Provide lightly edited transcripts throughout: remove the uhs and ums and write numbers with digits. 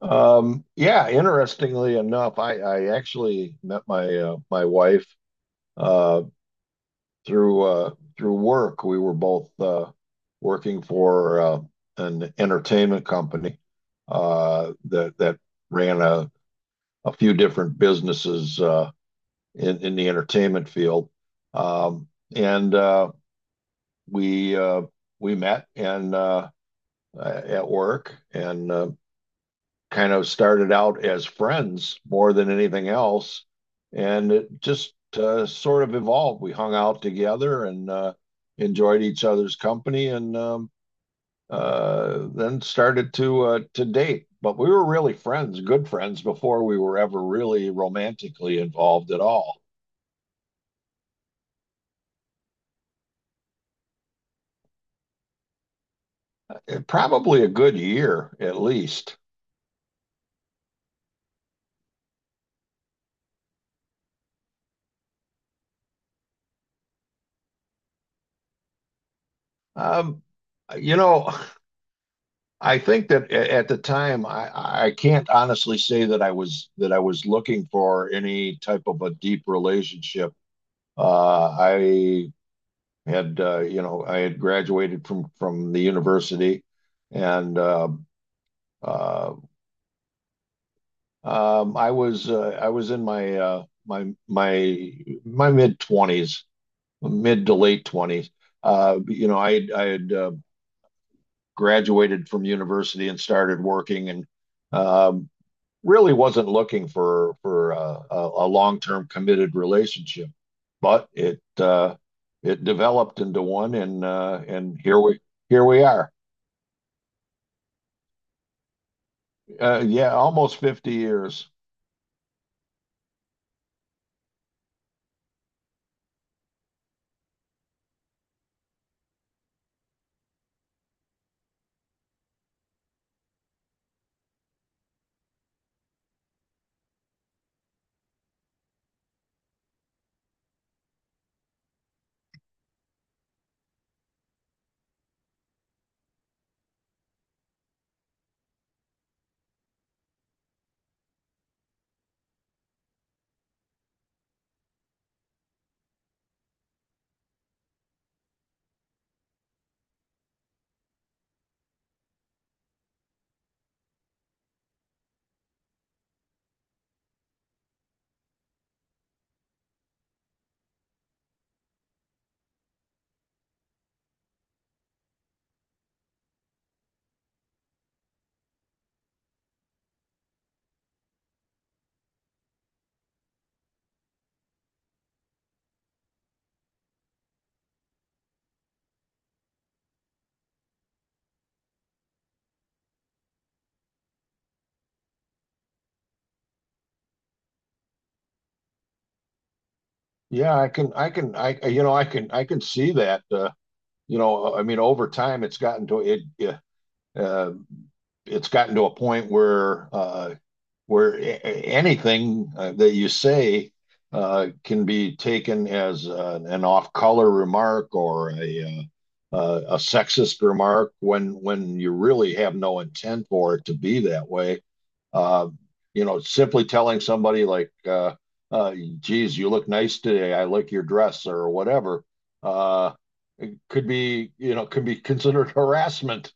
Yeah, interestingly enough, I actually met my my wife uh, through through work. We were both working for an entertainment company that ran a few different businesses in the entertainment field, um, and we uh, we met and at work, and kind of started out as friends more than anything else, and it just sort of evolved. We hung out together and enjoyed each other's company, and then started to date. But we were really friends, good friends, before we were ever really romantically involved at all. Probably a good year at least. Um, you know, I think that at the time, I can't honestly say that I was looking for any type of a deep relationship. I had You know, I had graduated from the university, and uh, I was in my my mid twenties, mid to late twenties. You know, I had graduated from university and started working and. Um, Really wasn't looking for a long-term committed relationship, but it it developed into one, and here we are. Yeah, almost 50 years. Yeah, I can I can I you know I can see that. You know, I mean, over time, Uh, it's gotten to a point where where a- anything that you say can be taken as an off-color remark or a sexist remark when you really have no intent for it to be that way. Uh, you know, simply telling somebody like, uh, "Geez, you look nice today. I like your dress," or whatever. Uh, it could be, you know, could be considered harassment.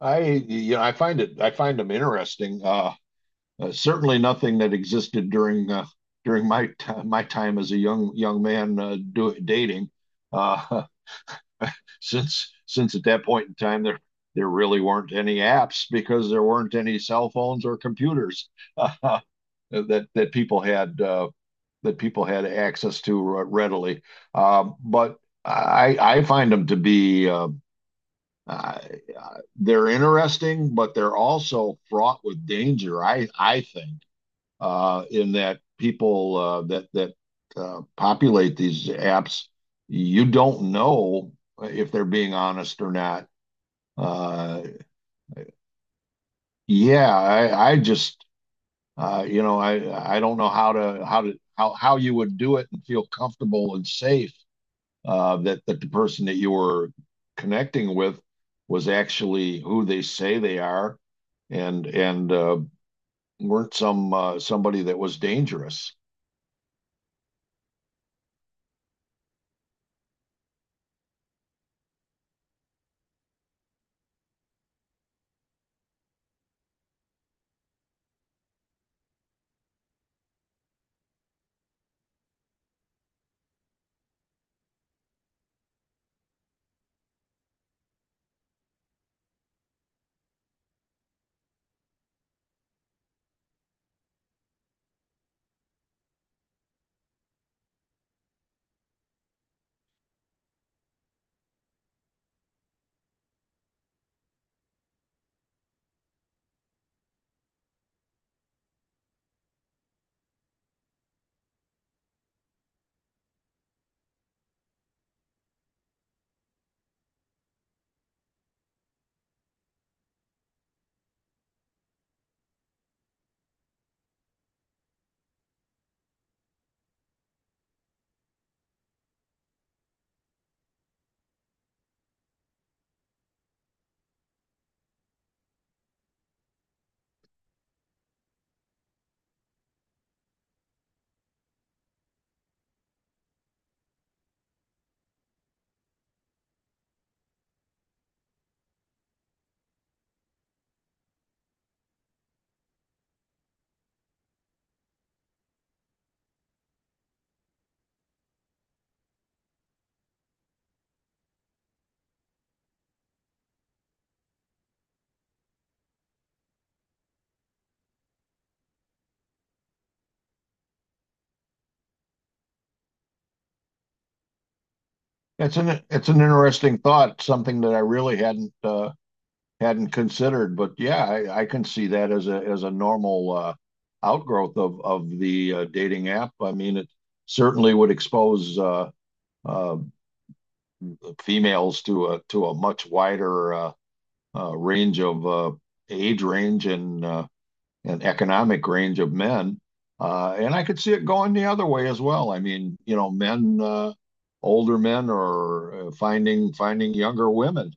I, you know, I find it, I find them interesting. Certainly nothing that existed during during my time as a young man dating. Uh, since at that point in time there really weren't any apps because there weren't any cell phones or computers uh, that that people had access to readily. But I find them to be uh, they're interesting, but they're also fraught with danger. I think in that people that that populate these apps, you don't know if they're being honest or not. Uh, yeah, I just you know, I don't know how to how to how how you would do it and feel comfortable and safe that the person that you were connecting with was actually who they say they are and weren't somebody that was dangerous. It's an interesting thought, something that I really hadn't hadn't considered. But yeah, I can see that as a normal outgrowth of the dating app. I mean, it certainly would expose uh, females to a much wider range of age range and economic range of men. And I could see it going the other way as well. I mean, you know, men older men are finding younger women.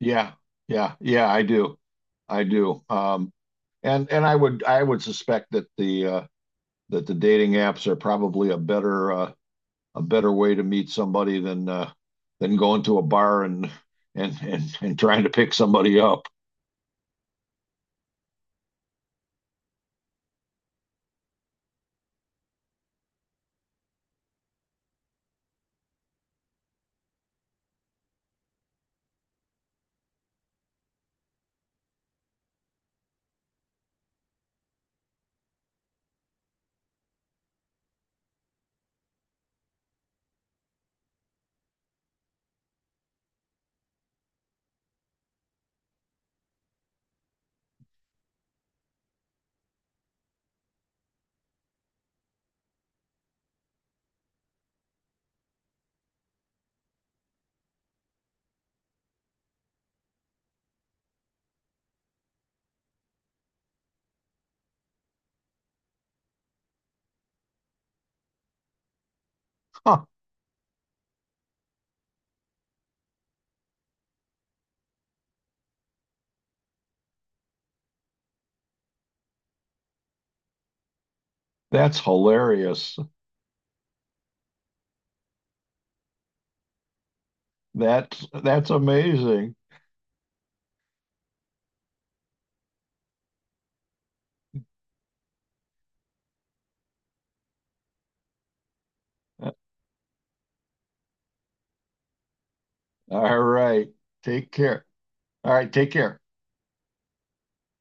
Yeah, yeah, I do. I do. And I would suspect that the dating apps are probably a better way to meet somebody than going to a bar and and trying to pick somebody up. Huh, that's hilarious. That's amazing. All right. Take care. All right, take care.